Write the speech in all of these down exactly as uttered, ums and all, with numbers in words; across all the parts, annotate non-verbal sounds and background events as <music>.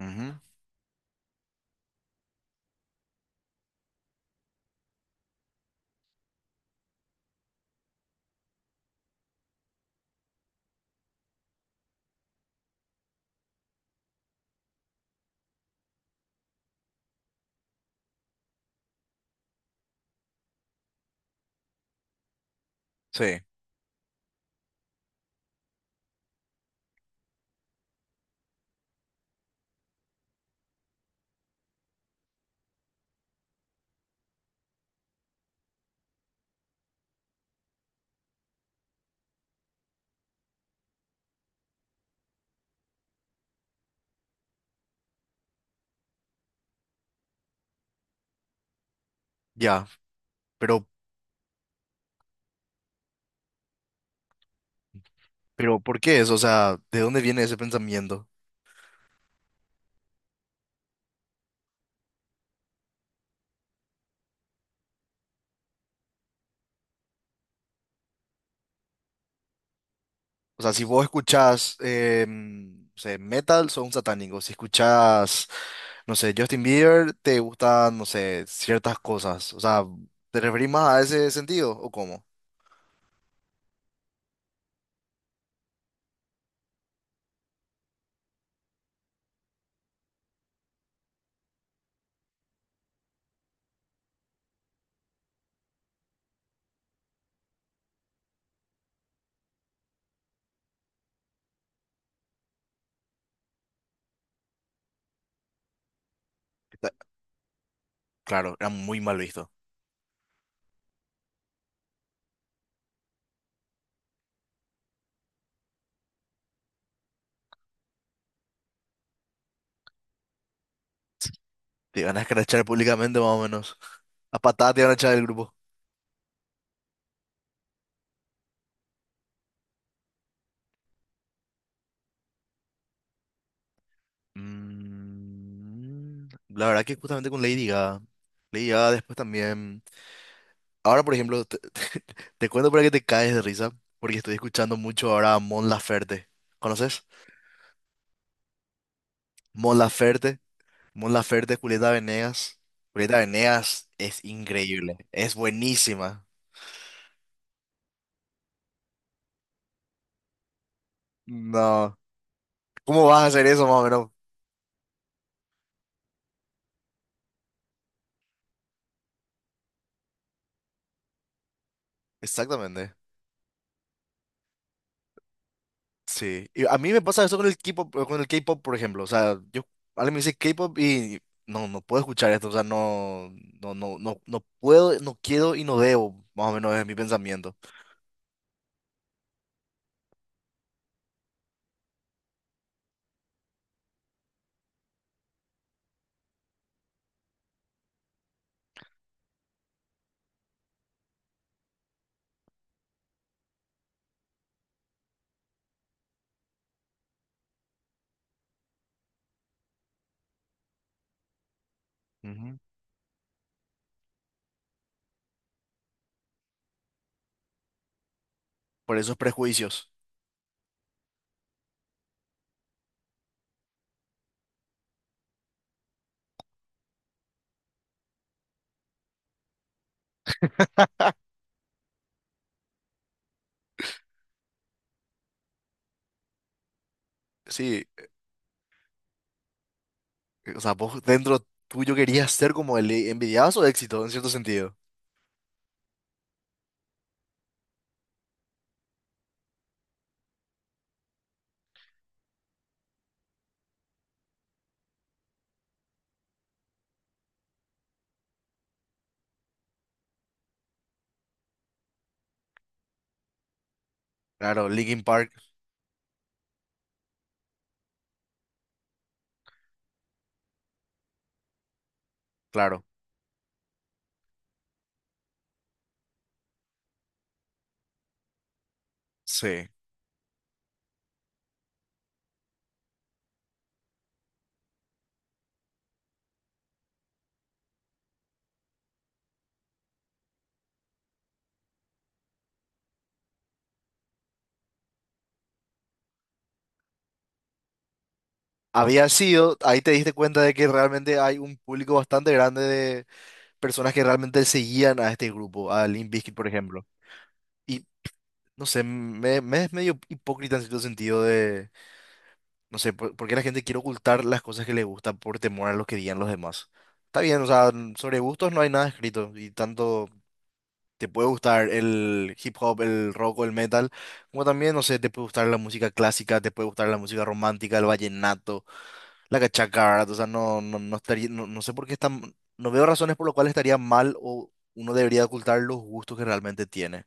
Ujú. Sí, ya, pero, pero ¿por qué eso? O sea, ¿de dónde viene ese pensamiento? O sea, si vos escuchás, eh, mm, no sé, metal, sos un satánico. Si escuchás, no sé, Justin Bieber, te gustan, no sé, ciertas cosas. O sea, ¿te referís más a ese sentido o cómo? Está- Claro, era muy mal visto. Te iban a escrachar públicamente más o menos. A patadas te iban a echar del grupo. Mm, la verdad que justamente con Lady Gaga. Lady Gaga después también. Ahora, por ejemplo, te, <laughs> te cuento para que te caes de risa, porque estoy escuchando mucho ahora a Mon Laferte. ¿Conoces? Mon Laferte, Mon Laferte, Julieta Venegas. Julieta Venegas es increíble, es buenísima. No, ¿cómo vas a hacer eso más o menos? Exactamente. Sí, y a mí me pasa eso con el K-pop, con el K-pop, por ejemplo, o sea, yo alguien me dice K-pop y no, no puedo escuchar esto, o sea, no, no, no, no, no puedo, no quiero y no debo, más o menos es mi pensamiento. Ujú. Por esos prejuicios. Sí, eh, o sea, vos dentro tuyo querías ser como el envidiazo de éxito, en cierto sentido. Claro, Linkin Park, claro. Sí. Había sido, ahí te diste cuenta de que realmente hay un público bastante grande de personas que realmente seguían a este grupo, a Limp Bizkit, por ejemplo. Y no sé, me, me es medio hipócrita en cierto sentido de, no sé, por, por qué la gente quiere ocultar las cosas que le gustan por temor a lo que digan los demás. Está bien, o sea, sobre gustos no hay nada escrito y tanto. Te puede gustar el hip hop, el rock o el metal, como también, no sé, te puede gustar la música clásica, te puede gustar la música romántica, el vallenato, la cachacara, o sea, no, no, no estaría, no, no sé por qué están, no veo razones por las cuales estaría mal o uno debería ocultar los gustos que realmente tiene.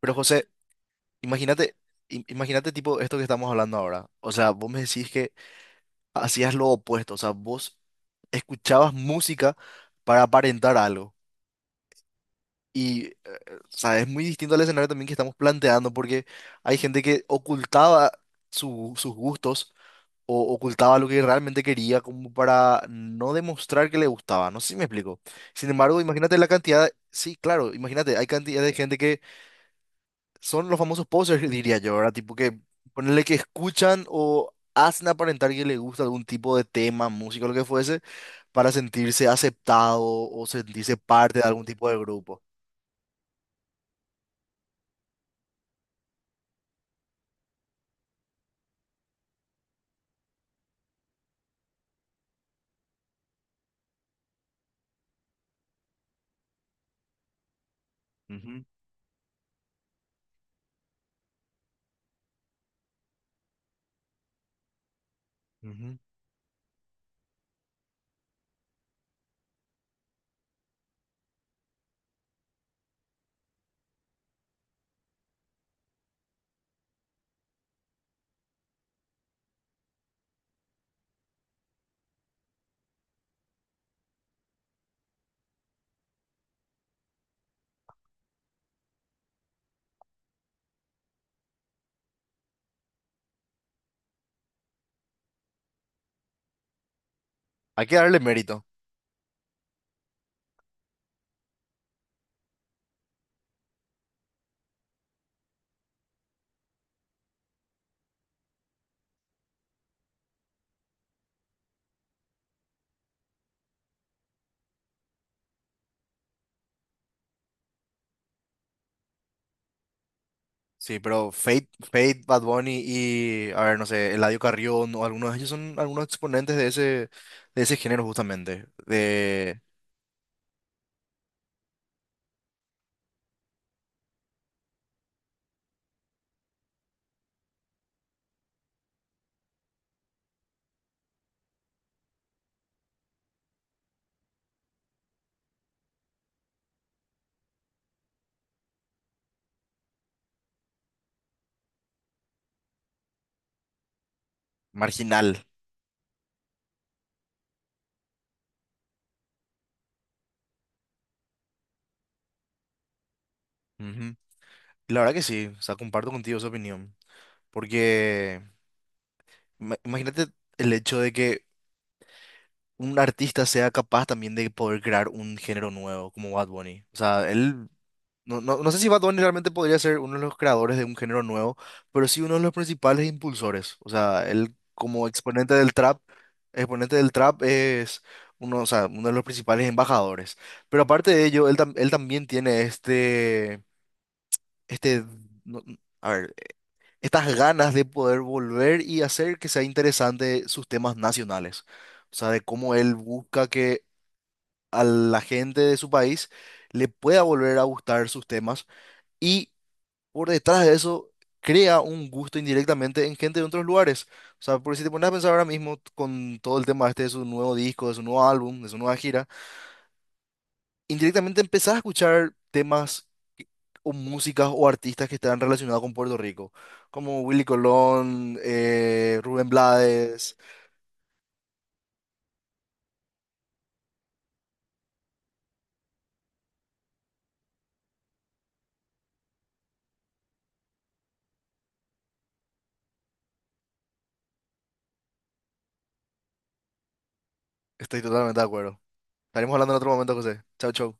Pero José, imagínate, im- imagínate tipo esto que estamos hablando ahora, o sea, vos me decís que hacías lo opuesto, o sea, vos escuchabas música para aparentar algo. Y, eh, eh, o sea, es muy distinto al escenario también que estamos planteando, porque hay gente que ocultaba su- sus gustos o ocultaba lo que realmente quería como para no demostrar que le gustaba. No sé si me explico. Sin embargo, imagínate la cantidad, sí, claro, imagínate, hay cantidad de gente que son los famosos posers, <laughs> diría yo, ¿verdad? Tipo que ponerle que escuchan o hacen aparentar que le gusta algún tipo de tema, música, lo que fuese, para sentirse aceptado o sentirse parte de algún tipo de grupo. Ujú, ujú. Hay que darle mérito. Sí, pero Fate, Fate, Bad Bunny y, a ver, no sé, Eladio Carrión o algunos de ellos son algunos exponentes de ese, de ese género justamente, de marginal. Ujú. Y la verdad que sí, o sea, comparto contigo esa opinión. Porque ima- imagínate el hecho de que un artista sea capaz también de poder crear un género nuevo como Bad Bunny. O sea, él No, no, no sé si Bad Bunny realmente podría ser uno de los creadores de un género nuevo, pero sí uno de los principales impulsores. O sea, él como exponente del trap, exponente del trap es uno, o sea, uno de los principales embajadores. Pero aparte de ello, él, tam- él también tiene este, este, no- a ver, estas ganas de poder volver y hacer que sea interesante sus temas nacionales. O sea, de cómo él busca que a la gente de su país le pueda volver a gustar sus temas. Y por detrás de eso crea un gusto indirectamente en gente de otros lugares. O sea, porque si te pones a pensar ahora mismo t- con todo el tema este de su nuevo disco, de su nuevo álbum, de su nueva gira, indirectamente empezás a escuchar temas que- o músicas o artistas que están relacionados con Puerto Rico, como Willy Colón, eh, Rubén Blades. Estoy totalmente de acuerdo. Estaremos hablando en otro momento, José. Chau, chau.